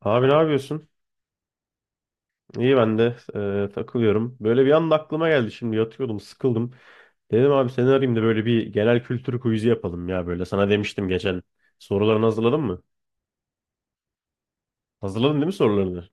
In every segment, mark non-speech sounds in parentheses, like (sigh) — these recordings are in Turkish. Abi ne yapıyorsun? İyi, ben de takılıyorum. Böyle bir anda aklıma geldi, şimdi yatıyordum, sıkıldım. Dedim abi seni arayayım da böyle bir genel kültür quiz'i yapalım ya böyle. Sana demiştim geçen. Sorularını hazırladın mı? Hazırladın değil mi sorularını?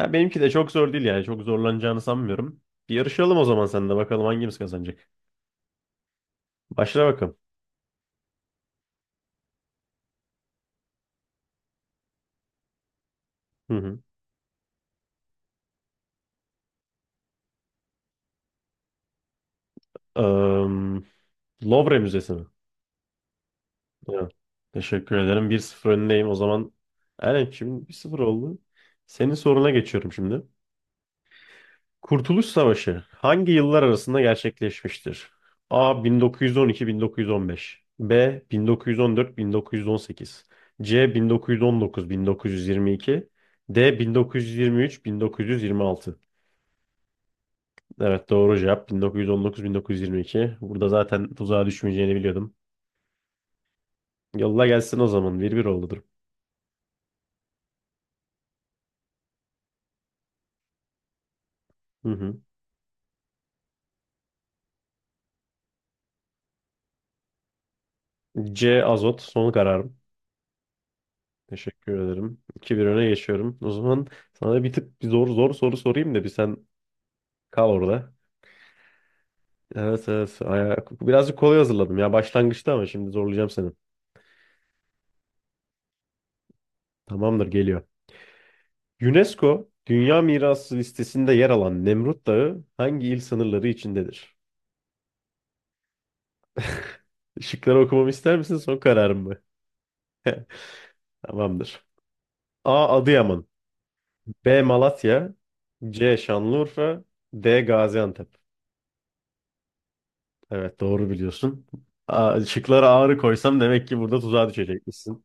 Ya benimki de çok zor değil yani, çok zorlanacağını sanmıyorum. Bir yarışalım o zaman sen de, bakalım hangimiz kazanacak. Başla bakalım. Hı hı. Am, Louvre Müzesi mi? Ya, teşekkür ederim. 1-0 öndeyim o zaman. Aynen, şimdi 1-0 oldu. Senin soruna geçiyorum şimdi. Kurtuluş Savaşı hangi yıllar arasında gerçekleşmiştir? A. 1912-1915, B. 1914-1918, C. 1919-1922, D. 1923-1926. Evet, doğru cevap 1919-1922. Burada zaten tuzağa düşmeyeceğini biliyordum. Yolla gelsin o zaman. 1-1 oldu durum. Hı hı. C. Azot, son kararım. Teşekkür ederim. 2 bir öne geçiyorum. O zaman sana bir tık bir zor zor soru sorayım da bir sen kal orada. Evet evet. Birazcık kolay hazırladım ya başlangıçta, ama şimdi zorlayacağım seni. Tamamdır, geliyor. UNESCO Dünya Mirası listesinde yer alan Nemrut Dağı hangi il sınırları içindedir? Işıkları okumamı ister misin, son kararım mı? Tamamdır. A. Adıyaman, B. Malatya, C. Şanlıurfa, D. Gaziantep. Evet, doğru biliyorsun. A şıklara ağrı koysam demek ki burada tuzağa düşecekmişsin.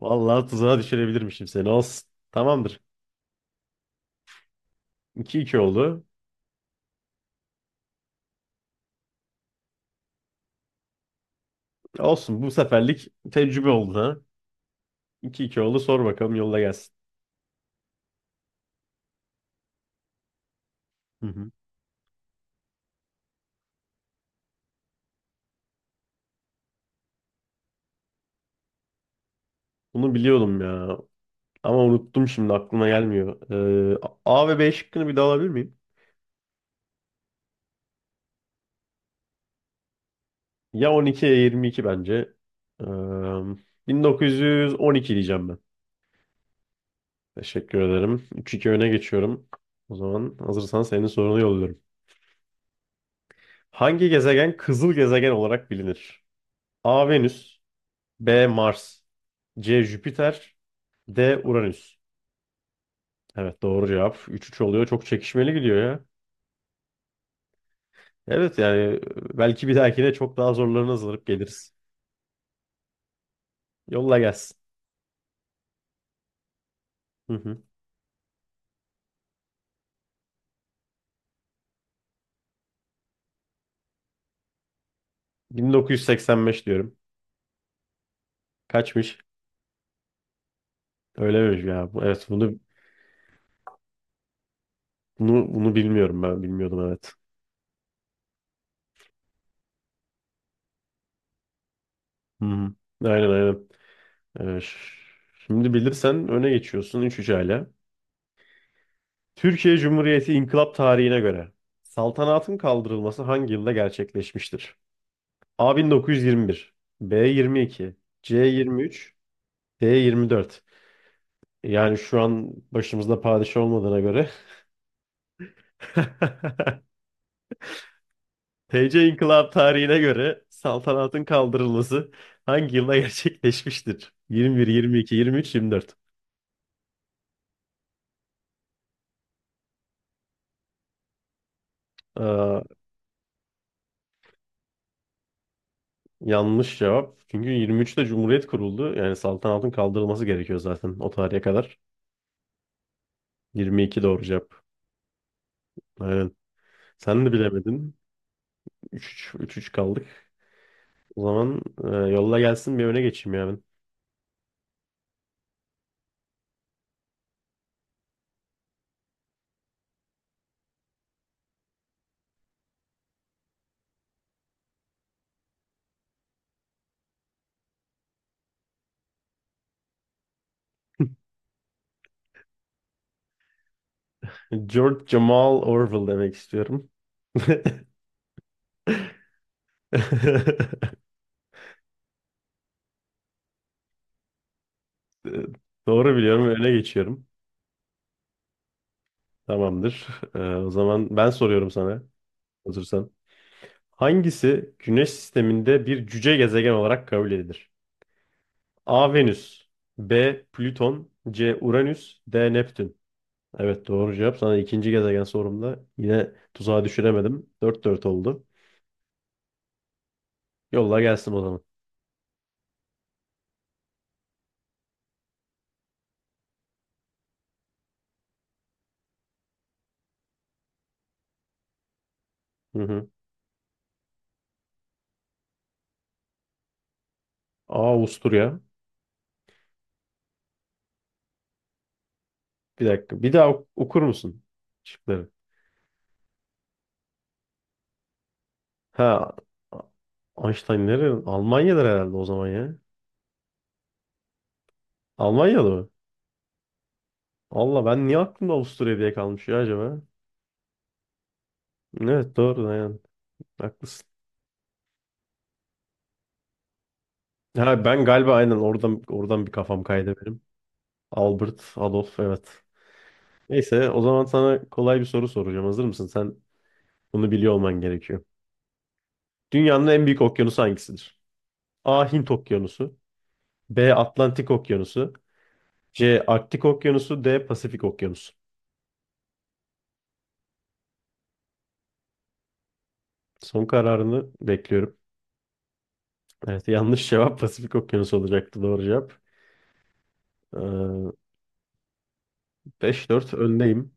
Vallahi tuzağa düşürebilirmişim seni, olsun. Tamamdır. 2-2 oldu. Olsun, bu seferlik tecrübe oldu ha. 2-2 oldu, sor bakalım, yolla gelsin. Hı hı. Bunu biliyordum ya ama unuttum, şimdi aklıma gelmiyor. Ee, A ve B şıkkını bir daha alabilir miyim? Ya 12 ya 22 bence. Ee, 1912 diyeceğim ben. Teşekkür ederim. 3-2 öne geçiyorum. O zaman hazırsan senin sorunu yolluyorum. Hangi gezegen kızıl gezegen olarak bilinir? A. Venüs, B. Mars, C. Jüpiter, D. Uranüs. Evet, doğru cevap. 3-3 oluyor. Çok çekişmeli gidiyor ya. Evet yani belki bir dahakine çok daha zorlarına hazırlanıp geliriz. Yolla gelsin. Hı hı. 1985 diyorum. Kaçmış? Öyle miymiş ya? Evet, bunu bilmiyorum ben. Bilmiyordum, evet. Hı hı. Aynen aynen. Ee, ş- şimdi bilirsen öne geçiyorsun, 3-3 hala. Türkiye Cumhuriyeti inkılap tarihine göre saltanatın kaldırılması hangi yılda gerçekleşmiştir? A 1921, B 22, C 23, D 24. Yani şu an başımızda padişah olmadığına göre (laughs) TC İnkılap tarihine göre saltanatın kaldırılması hangi yılda (laughs) gerçekleşmiştir? 21, 22, 23, 24. Aa, yanlış cevap. Çünkü 23'te Cumhuriyet kuruldu. Yani saltanatın kaldırılması gerekiyor zaten o tarihe kadar. 22 doğru cevap. Aynen. Sen de bilemedin. 3-3 3 kaldık. O zaman yolla gelsin, bir öne geçeyim ya ben. George Jamal Orwell demek istiyorum. (laughs) Ee, Doğru biliyorum, öne geçiyorum. Tamamdır. O zaman ben soruyorum sana, hazırsan. Hangisi Güneş sisteminde bir cüce gezegen olarak kabul edilir? A. Venüs, B. Plüton, C. Uranüs, D. Neptün. Evet, doğru cevap. Sana ikinci gezegen sorumda yine tuzağa düşüremedim. 4-4 oldu. Yolla gelsin o zaman. Hı hı. A. Avusturya. Bir dakika. Bir daha okur musun şıkları? Ha, Einstein nerede? Almanya'dır herhalde o zaman ya. Almanya'da mı? Allah, ben niye aklımda Avusturya diye kalmış ya acaba? Evet, doğru yani. Haklısın. Ha, ben galiba aynen oradan bir kafam kaydı benim. Albert, Adolf, evet. Neyse, o zaman sana kolay bir soru soracağım. Hazır mısın? Sen bunu biliyor olman gerekiyor. Dünyanın en büyük okyanusu hangisidir? A. Hint Okyanusu, B. Atlantik Okyanusu, C. Arktik Okyanusu, D. Pasifik Okyanusu. Son kararını bekliyorum. Evet, yanlış cevap. Pasifik Okyanusu olacaktı doğru cevap. Ee, 5-4 öndeyim.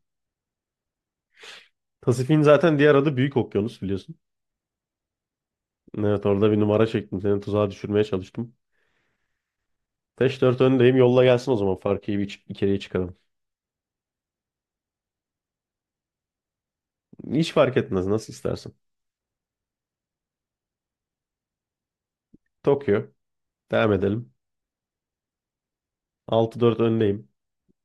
Pasifik'in zaten diğer adı Büyük Okyanus, biliyorsun. Evet, orada bir numara çektim. Seni tuzağa düşürmeye çalıştım. 5-4 öndeyim. Yolla gelsin o zaman. Farkı iyi bir, içeriye çıkarım. Hiç fark etmez. Nasıl istersen. Tokyo. Devam edelim. 6-4 öndeyim.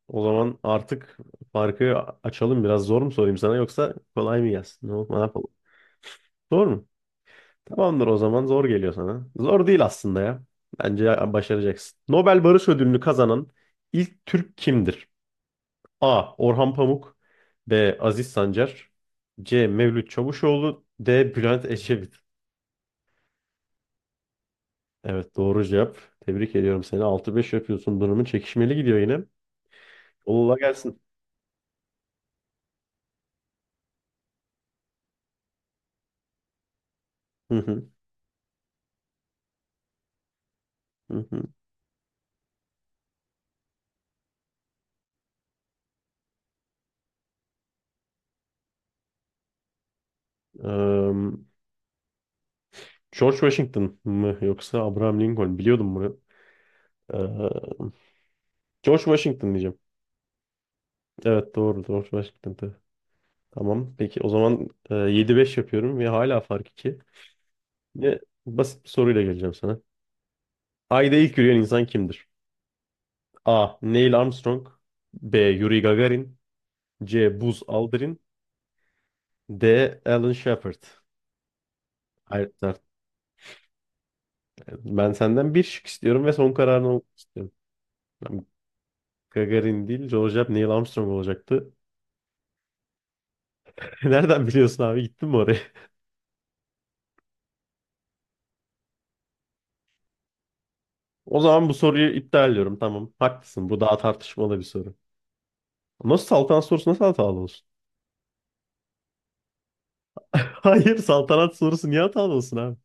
O zaman artık farkı açalım. Biraz zor mu sorayım sana, yoksa kolay mı gelsin? Ne olur, ne yapalım? Zor mu? Tamamdır o zaman. Zor geliyor sana. Zor değil aslında ya. Bence başaracaksın. Nobel Barış Ödülünü kazanan ilk Türk kimdir? A. Orhan Pamuk, B. Aziz Sancar, C. Mevlüt Çavuşoğlu, D. Bülent Ecevit. Evet, doğru cevap. Tebrik ediyorum seni. 6-5 yapıyorsun. Durumun çekişmeli gidiyor yine. Yolla gelsin. Hı hı, hı hı. Eee, George Washington mı yoksa Abraham Lincoln? Biliyordum bunu. Eee, George Washington diyeceğim. Evet, doğru. George Washington'dı. Tamam. Peki o zaman 7-5 yapıyorum ve hala fark 2. Yine basit bir soruyla geleceğim sana. Ayda ilk yürüyen insan kimdir? A. Neil Armstrong, B. Yuri Gagarin, C. Buzz Aldrin, D. Alan Shepard. Hayır, ben senden bir şık istiyorum ve son kararını almak istiyorum. Ben Gagarin değil, George Neil Armstrong olacaktı. (laughs) Nereden biliyorsun abi? Gittin mi oraya? O zaman bu soruyu iptal ediyorum. Tamam, haklısın. Bu daha tartışmalı bir soru. Nasıl saltanat sorusu nasıl hatalı olsun? (laughs) Hayır, saltanat sorusu niye hatalı olsun abi?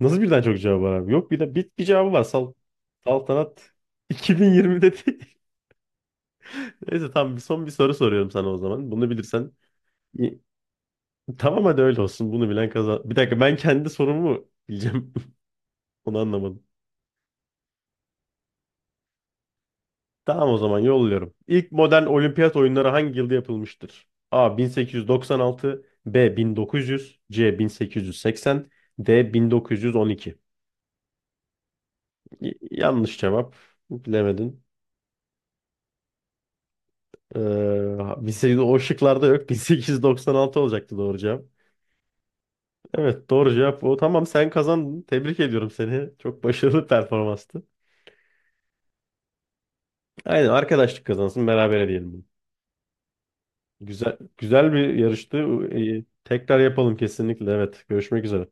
Nasıl birden çok cevap var abi? Yok, bir de bir cevabı var. Saltanat (laughs) 2020'de değil. Neyse tamam, bir son bir soru soruyorum sana o zaman. Bunu bilirsen İyi. Tamam, hadi öyle olsun. Bunu bilen kazan. Bir dakika, ben kendi sorumu bileceğim. (laughs) Onu anlamadım. Tamam, o zaman yolluyorum. İlk modern olimpiyat oyunları hangi yılda yapılmıştır? A 1896, B 1900, C 1880, D 1912. Yanlış cevap. Bilemedin. Ee, 1800 o şıklarda yok. (laughs) 1896 olacaktı doğru cevap. Evet, doğru cevap o. Tamam, sen kazandın. Tebrik ediyorum seni. Çok başarılı performanstı. Aynen, arkadaşlık kazansın, beraber diyelim bunu. Güzel, güzel bir yarıştı. Tekrar yapalım kesinlikle. Evet. Görüşmek üzere.